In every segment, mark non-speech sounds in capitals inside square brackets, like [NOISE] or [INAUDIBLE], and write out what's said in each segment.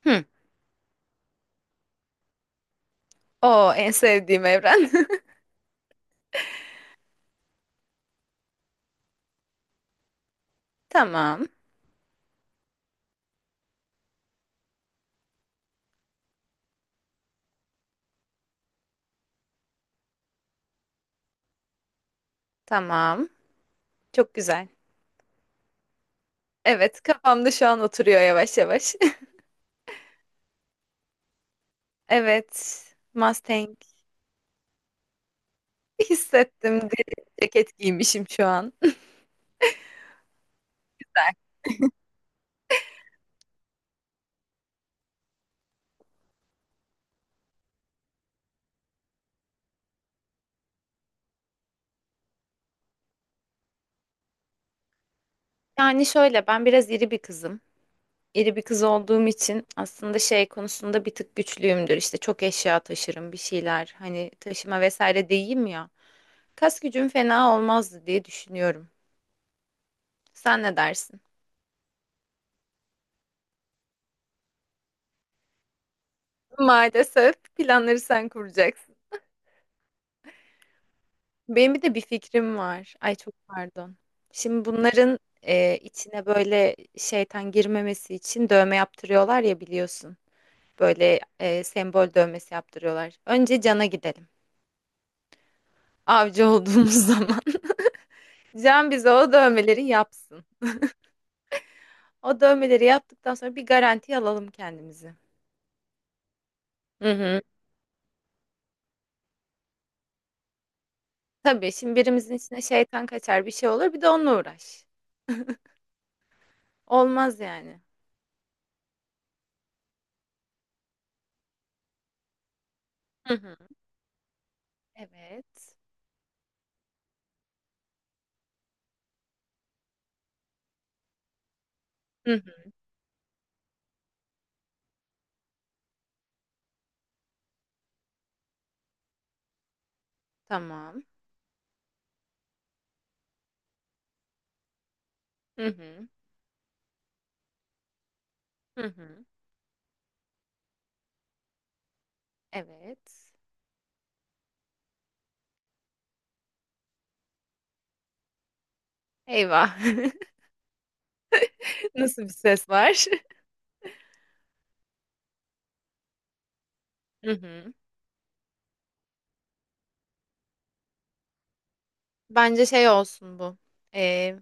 Hı. O en sevdiğim evren. [LAUGHS] Tamam. Tamam. Çok güzel. Evet, kafamda şu an oturuyor yavaş yavaş. [LAUGHS] Evet. Mustang hissettim. Deri ceket giymişim şu an. Yani şöyle ben biraz iri bir kızım. İri bir kız olduğum için aslında şey konusunda bir tık güçlüyümdür. İşte çok eşya taşırım bir şeyler. Hani taşıma vesaire değilim ya. Kas gücüm fena olmazdı diye düşünüyorum. Sen ne dersin? Maalesef planları sen kuracaksın. Benim bir de bir fikrim var. Ay çok pardon. Şimdi bunların içine böyle şeytan girmemesi için dövme yaptırıyorlar ya biliyorsun. Böyle sembol dövmesi yaptırıyorlar. Önce Can'a gidelim. Avcı olduğumuz [LAUGHS] zaman. Can bize o dövmeleri yapsın. O dövmeleri yaptıktan sonra bir garanti alalım kendimizi. Hı hı. Tabii şimdi birimizin içine şeytan kaçar bir şey olur bir de onunla uğraş. Olmaz yani. Hı hı. Evet. Hı hı. Tamam. Hı hı. Hı hı. Evet. Eyvah. [LAUGHS] Nasıl bir ses var? [LAUGHS] Hı hı. Bence şey olsun bu. Ee,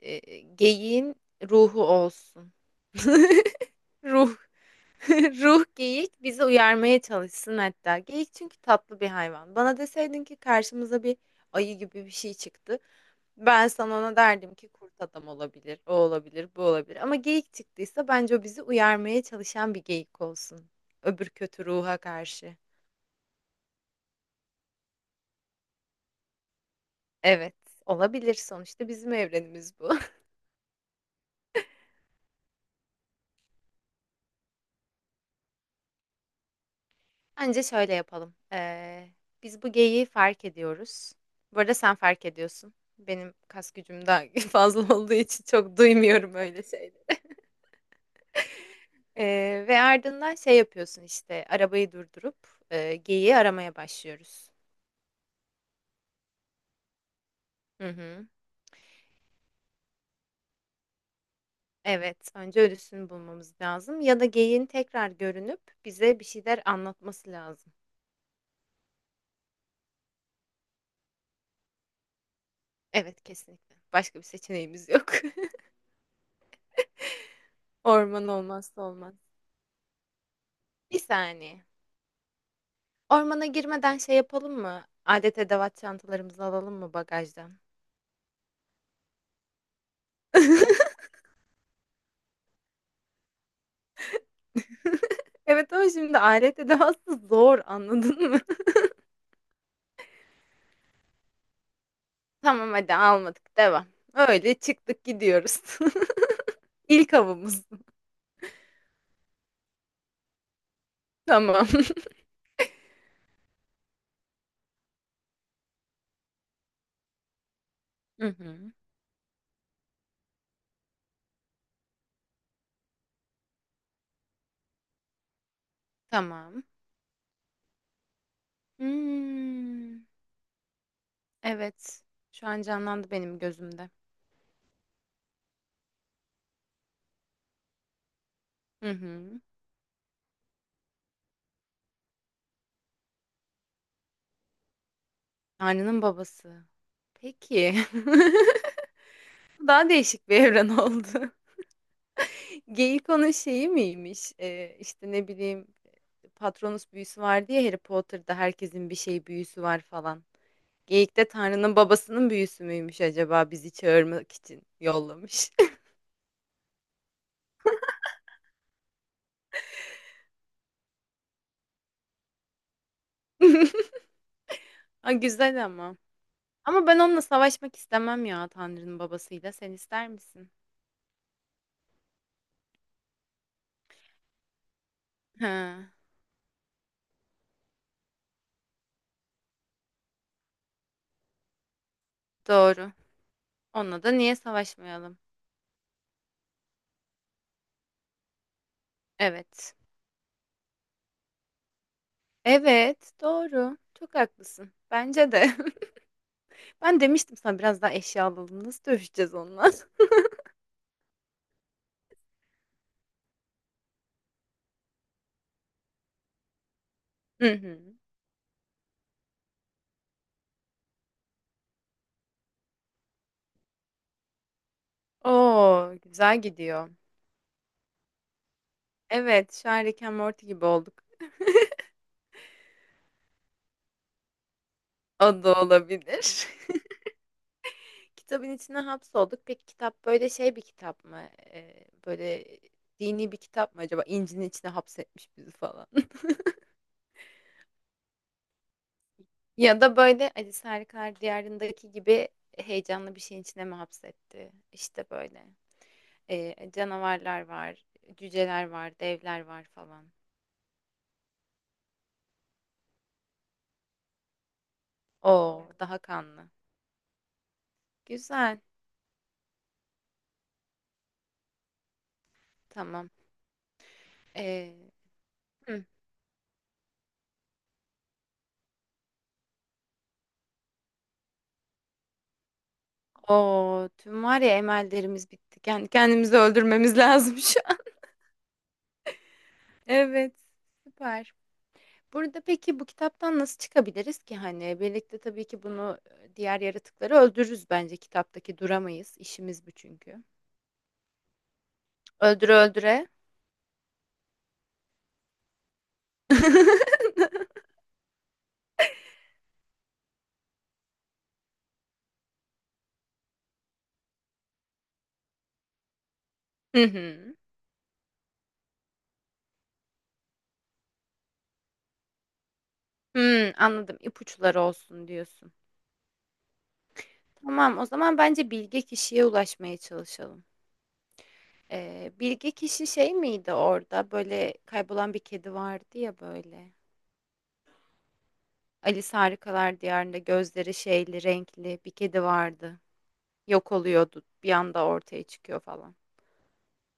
geyiğin ruhu olsun. [LAUGHS] Ruh. [LAUGHS] Ruh geyik bizi uyarmaya çalışsın hatta. Geyik çünkü tatlı bir hayvan. Bana deseydin ki karşımıza bir ayı gibi bir şey çıktı. Ben sana ona derdim ki kurt adam olabilir, o olabilir, bu olabilir. Ama geyik çıktıysa bence o bizi uyarmaya çalışan bir geyik olsun. Öbür kötü ruha karşı. Evet, olabilir. Sonuçta bizim evrenimiz bu. [LAUGHS] Bence şöyle yapalım. Biz bu geyiği fark ediyoruz. Bu arada sen fark ediyorsun. Benim kas gücüm daha [LAUGHS] fazla olduğu için çok duymuyorum öyle şeyleri. Ve ardından şey yapıyorsun işte arabayı durdurup geyiği aramaya başlıyoruz. Hı hı. Evet, önce ölüsünü bulmamız lazım ya da geyiğin tekrar görünüp bize bir şeyler anlatması lazım. Evet, kesinlikle. Başka bir seçeneğimiz yok. [LAUGHS] Orman olmazsa olmaz. Bir saniye. Ormana girmeden şey yapalım mı? Alet edevat çantalarımızı alalım mı bagajdan? [LAUGHS] Evet ama şimdi alet edevatı zor anladın mı? [LAUGHS] Tamam hadi almadık devam. Öyle çıktık gidiyoruz. [LAUGHS] İlk avımız. Tamam. [LAUGHS] Hı hı. Tamam. Hmm, evet. Şu an canlandı benim gözümde. Hı hı. Tanrı'nın babası. Peki. [LAUGHS] Daha değişik bir evren oldu. Geyik onun şeyi miymiş? İşte ne bileyim, Patronus büyüsü var diye Harry Potter'da herkesin bir şey büyüsü var falan. Geyik de Tanrı'nın babasının büyüsü müymüş acaba bizi çağırmak için yollamış. [LAUGHS] Ha, güzel ama. Ama ben onunla savaşmak istemem ya Tanrı'nın babasıyla. Sen ister misin? Ha, doğru. Onunla da niye savaşmayalım? Evet. Evet, doğru. Çok haklısın. Bence de. [LAUGHS] Ben demiştim sana biraz daha eşya alalım. Nasıl dövüşeceğiz onunla? [LAUGHS] Hı hı. Oo, güzel gidiyor. Evet, şu an Rick and Morty gibi olduk. O da olabilir. [LAUGHS] Kitabın içine hapsolduk. Peki kitap böyle şey bir kitap mı? Böyle dini bir kitap mı acaba? İncil'in içine hapsetmiş bizi falan. [LAUGHS] Ya da böyle Alice Harikalar Diyarı'ndaki gibi heyecanlı bir şeyin içine mi hapsetti? İşte böyle. Canavarlar var, cüceler var, devler var falan. Oo, daha kanlı. Güzel. Tamam. Ee, oo, tüm var ya emellerimiz bitti. Kendi kendimizi öldürmemiz [LAUGHS] lazım şu an. [LAUGHS] Evet, süper. Burada peki bu kitaptan nasıl çıkabiliriz ki hani birlikte tabii ki bunu diğer yaratıkları öldürürüz bence kitaptaki duramayız. İşimiz bu çünkü. Öldüre öldüre. [LAUGHS] Hı hı. Hmm, anladım. İpuçları olsun diyorsun. Tamam, o zaman bence bilge kişiye ulaşmaya çalışalım. Bilge kişi şey miydi orada? Böyle kaybolan bir kedi vardı ya böyle. Alice Harikalar Diyarı'nda gözleri şeyli, renkli bir kedi vardı. Yok oluyordu. Bir anda ortaya çıkıyor falan.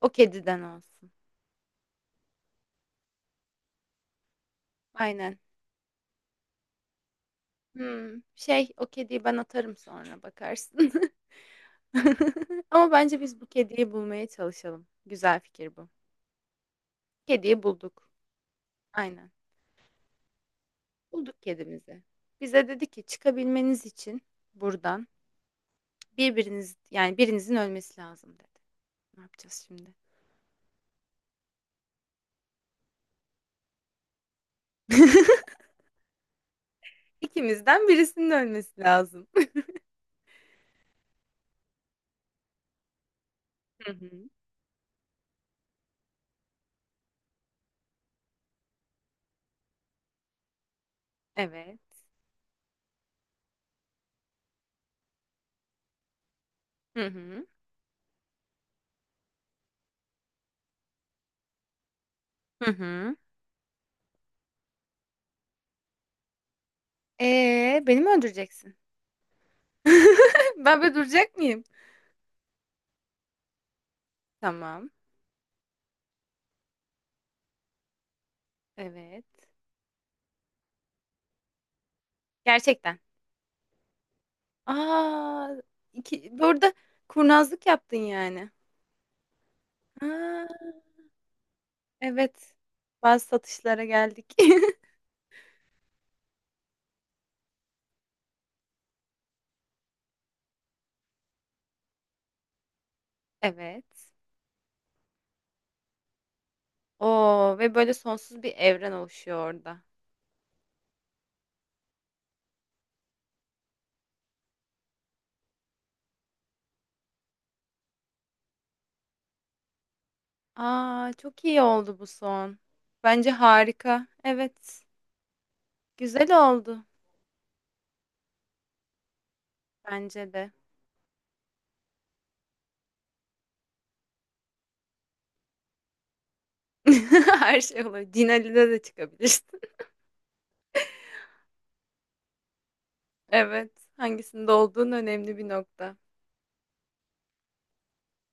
O kediden olsun. Aynen. Hmm, şey o kediyi ben atarım sonra bakarsın. [LAUGHS] Ama bence biz bu kediyi bulmaya çalışalım. Güzel fikir bu. Kediyi bulduk. Aynen. Bulduk kedimizi. Bize dedi ki çıkabilmeniz için buradan birbiriniz yani birinizin ölmesi lazım dedi. Ne yapacağız şimdi? İkimizden birisinin ölmesi lazım. [LAUGHS] Hı hı. Evet. Hı hı. Hı hı. Beni mi öldüreceksin? [LAUGHS] Ben böyle duracak mıyım? Tamam. Evet. Gerçekten. Aa, iki, burada kurnazlık yaptın yani. Aa, evet. Bazı satışlara geldik. [LAUGHS] Evet. Oo ve böyle sonsuz bir evren oluşuyor orada. Aa, çok iyi oldu bu son. Bence harika. Evet. Güzel oldu. Bence de. [LAUGHS] Her şey olur. Din Ali'de de çıkabilirsin. Evet, hangisinde olduğun önemli bir nokta.